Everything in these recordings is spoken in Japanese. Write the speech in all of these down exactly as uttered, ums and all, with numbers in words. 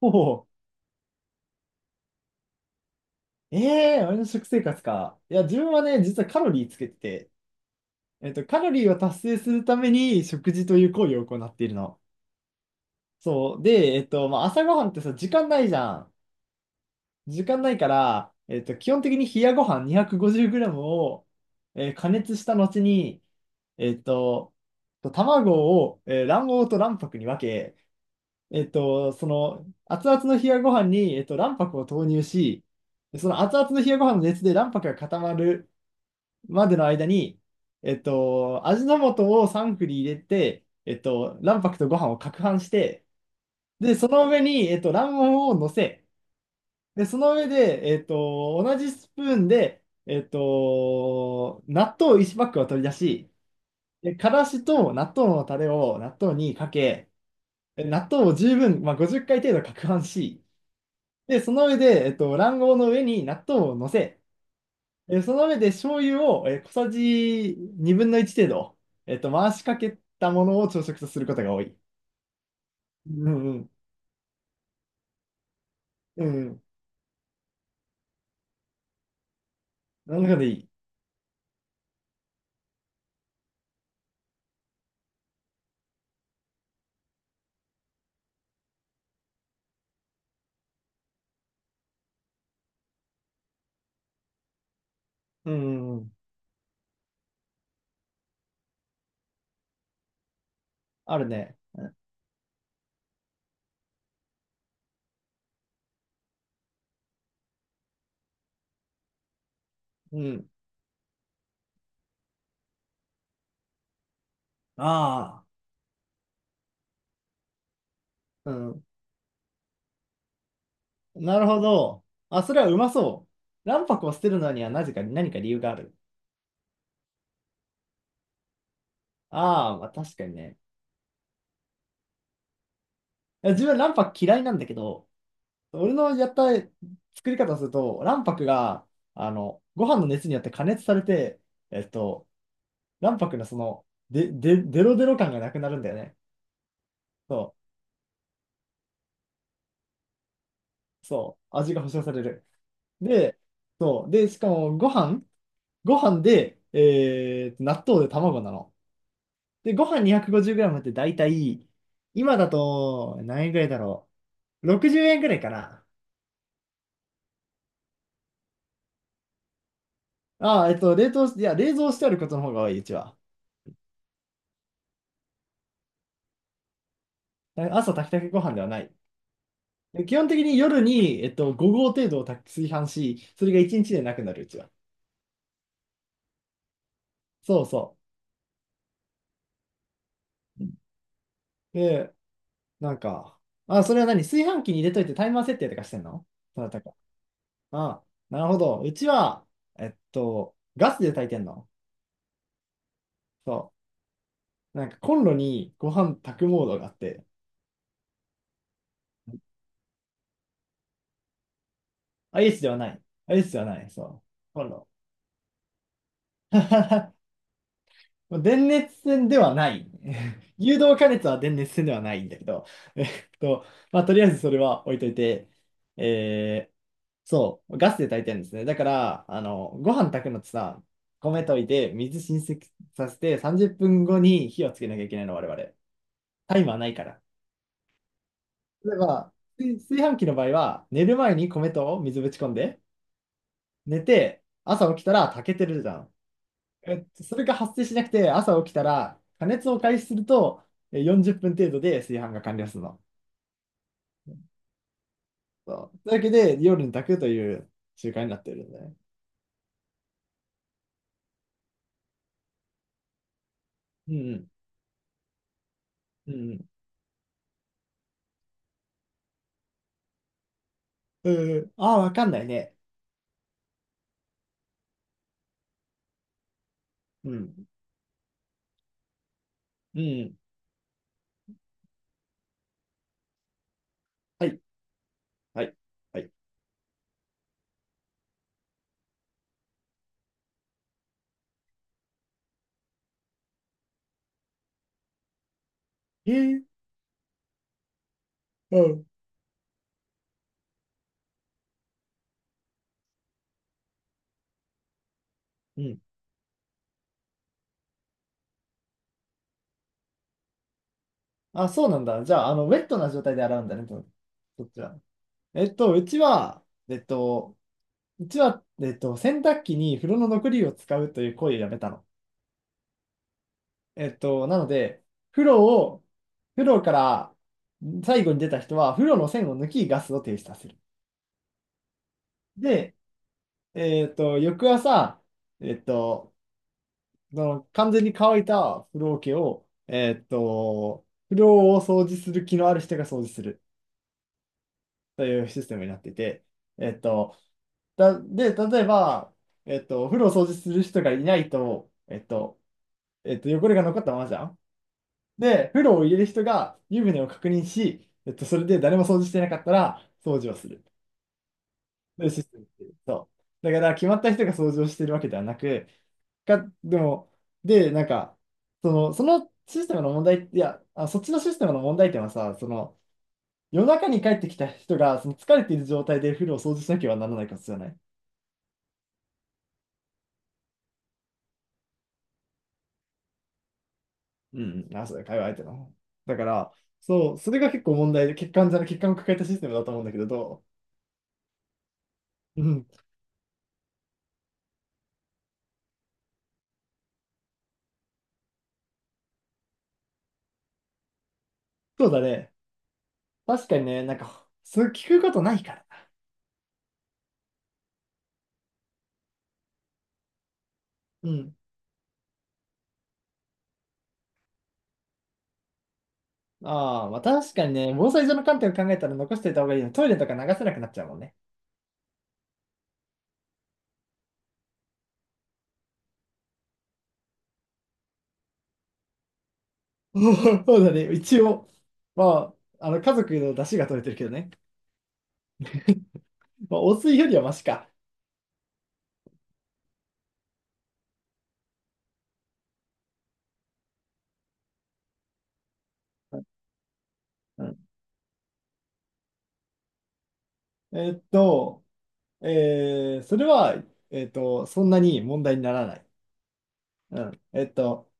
おお、ええー、俺の食生活か。いや、自分はね、実はカロリーつけてて、えっと、カロリーを達成するために食事という行為を行っているの。そう。で、えっと、まあ、朝ごはんってさ、時間ないじゃん。時間ないから、えっと、基本的に冷やご飯 にひゃくごじゅうグラム を、えー加熱した後に、えっと、卵を、えー卵黄と卵白に分け、えっと、その熱々の冷やご飯に、えっと、卵白を投入し、その熱々の冷やご飯の熱で卵白が固まるまでの間に、えっと、味の素をサンクに入れて、えっと、卵白とご飯を攪拌して、で、その上に、えっと、卵黄を乗せ、で、その上で、えっと、同じスプーンで、えっと、納豆いちパックを取り出し、で、からしと納豆のタレを納豆にかけ、で納豆を十分、まあ、ごじゅっかい程度攪拌し、で、その上で、えっと、卵黄の上に納豆を乗せ、えーその上で醤油を、えー小さじにぶんのいち程度、えっと、回しかけたものを朝食とすることが多い。うんうん。うんうん。なるほどいい。うんうんうん。あるね。うん。ああ。うん。なるほど。あ、それはうまそう。卵白を捨てるのにはなぜか何か理由がある。ああ、まあ確かにね。いや自分卵白嫌いなんだけど、俺のやった作り方をすると、卵白が、あの、ご飯の熱によって加熱されて、えっと、卵白のその、で、で、デロデロ感がなくなるんだよね。そう、そう、味が保証される。で、そう、で、しかもご飯、ご飯で、えーと、納豆で卵なの。で、ご飯 にひゃくごじゅうグラム って大体、今だと何円ぐらいだろう。ろくじゅうえんぐらいかな。ああ、えっと、冷凍し、いや、冷蔵してあることの方が多い、うちは。朝炊きたてご飯ではない。で基本的に夜に、えっと、ご合程度を炊き炊飯し、それがいちにちでなくなる、うちは。そうそう。で、なんか、あ、それは何炊飯器に入れといてタイマー設定とかしてんの？そなたか。あ、なるほど。うちは、えっと、ガスで炊いてんの？そう。なんかコンロにご飯炊くモードがあって、i スではない。i スではない。そう。コンロ。まあ電熱線ではない。誘導加熱は電熱線ではないんだけど、えっと、まあ、とりあえずそれは置いといて、えーそう、ガスで炊いてるんですね。だから、あの、ご飯炊くのってさ、米といて、水浸水させて、さんじゅっぷんごに火をつけなきゃいけないの、我々。タイマーないから。例えば、炊炊飯器の場合は、寝る前に米と水ぶち込んで、寝て、朝起きたら炊けてるじゃん。えっと、それが発生しなくて、朝起きたら、加熱を開始すると、えよんじゅっぷん程度で炊飯が完了するの。そう。というわけで、夜に炊くという習慣になっているのね。うん、うん、うん。うん、ああ、わかんないね。うん、うん。はい、はい、はい。えー、うん、うん。あ、そうなんだ。じゃあ、あの、ウェットな状態で洗うんだね、と、そっちは。えっと、うちは、えっと、うちは、えっと、洗濯機に風呂の残りを使うという行為をやめたの。えっと、なので、風呂を、風呂から最後に出た人は、風呂の栓を抜き、ガスを停止させる。で、えっと、翌朝、えっと、その完全に乾いた風呂桶を、えっと、風呂を掃除する気のある人が掃除するというシステムになっていて、えっと、だ、で、例えば、えっと、お風呂を掃除する人がいないと、えっと、えっと、汚れが残ったままじゃん。で、風呂を入れる人が湯船を確認し、えっと、それで誰も掃除してなかったら掃除をする。というシステムっていう。そう。だから決まった人が掃除をしてるわけではなく、か、でも、で、なんか、その、そのシステムの問題、いや、あ、そっちのシステムの問題点はさ、その、夜中に帰ってきた人がその疲れている状態で風呂を掃除しなければならないからじゃない。うんうん、あ、そうだ、会話相手の。だから、そう、それが結構問題で、欠陥じゃない、欠陥を抱えたシステムだと思うんだけど、どううん、そうだね。確かにね、なんか、そう聞くことないからな。うん。ああ、まあ確かにね、防災上の観点を考えたら残しておいた方がいいよ。トイレとか流せなくなっちゃうもんね。そうだね、一応。まあ、あの、家族の出汁が取れてるけどね。まあ、お水よりはマシか。うん。えーっと、えーそれは、えーっと、そんなに問題にならない。うん。えーっと、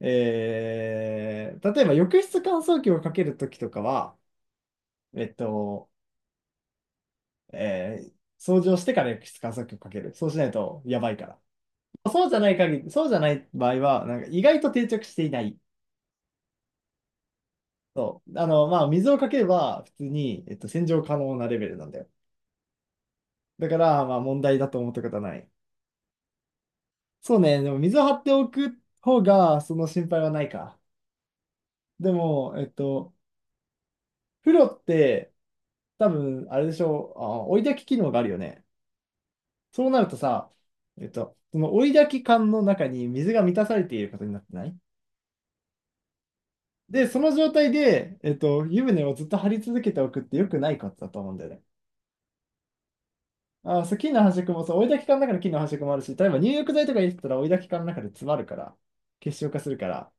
えー例えば浴室乾燥機をかけるときとかは、えーっと、えー掃除をしてから浴室乾燥機をかける。そうしないとやばいから。そうじゃない限り、そうじゃない場合は、なんか意外と定着していない。そう。あの、まあ、水をかければ普通に、えっと、洗浄可能なレベルなんだよ。だから、まあ、問題だと思ったことはない。そうね。でも、水を張っておく方が、その心配はないか。でも、えっと、風呂って、多分、あれでしょう。あ、追い焚き機能があるよね。そうなるとさ、えっと、その追い焚き缶の中に水が満たされていることになってないで、その状態で、えっと、湯船をずっと張り続けておくって良くないことだと思うんだよね。あー、そう、菌の繁殖もそう、追いだき管の中の菌の繁殖もあるし、例えば入浴剤とか入れてたら追いだき管の中で詰まるから、結晶化するから。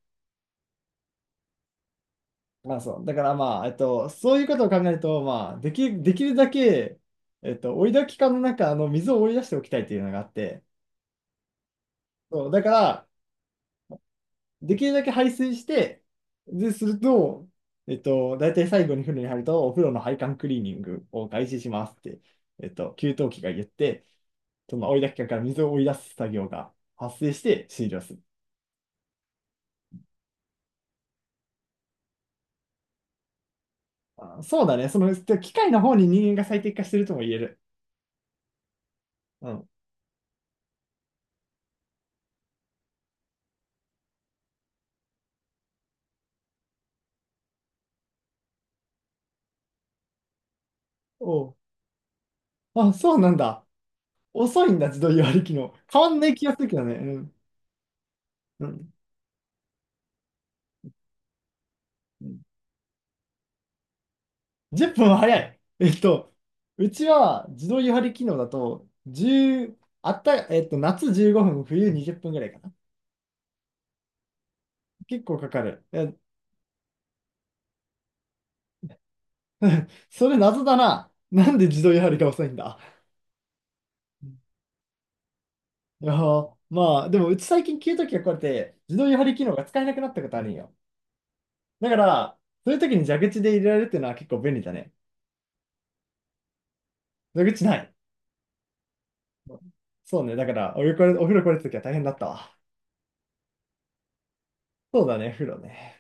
まあそう。だからまあ、えっと、そういうことを考えると、まあ、でき、できるだけ、えっと、追いだき管の中の水を追い出しておきたいというのがあって、そう、だから、できるだけ排水して、で、すると、えっと、大体最後に風呂に入ると、お風呂の配管クリーニングを開始しますって、えっと、給湯器が言って、その追い出し機から水を追い出す作業が発生して終了する。あ、そうだね。その、機械の方に人間が最適化してるとも言える。うん。おう。あ、そうなんだ。遅いんだ、自動湯割り機能。変わんない気がするけどね。うん。うん。じゅっぷんは早い。えっと、うちは自動湯張り機能だと、じゅう、あった、えっと、夏じゅうごふん、冬にじゅっぷんぐらいかな。結構かかる。え、それ謎だな。なんで自動湯張りが遅いんだ。いやー、まあ、でもうち最近給湯器が壊れて、自動湯張り機能が使えなくなったことあるんよ。だから、そういう時に蛇口で入れられるっていうのは結構便利だね。蛇口ない。そうね、だから、お湯これ、お風呂これた時は大変だったわ。そうだね、風呂ね。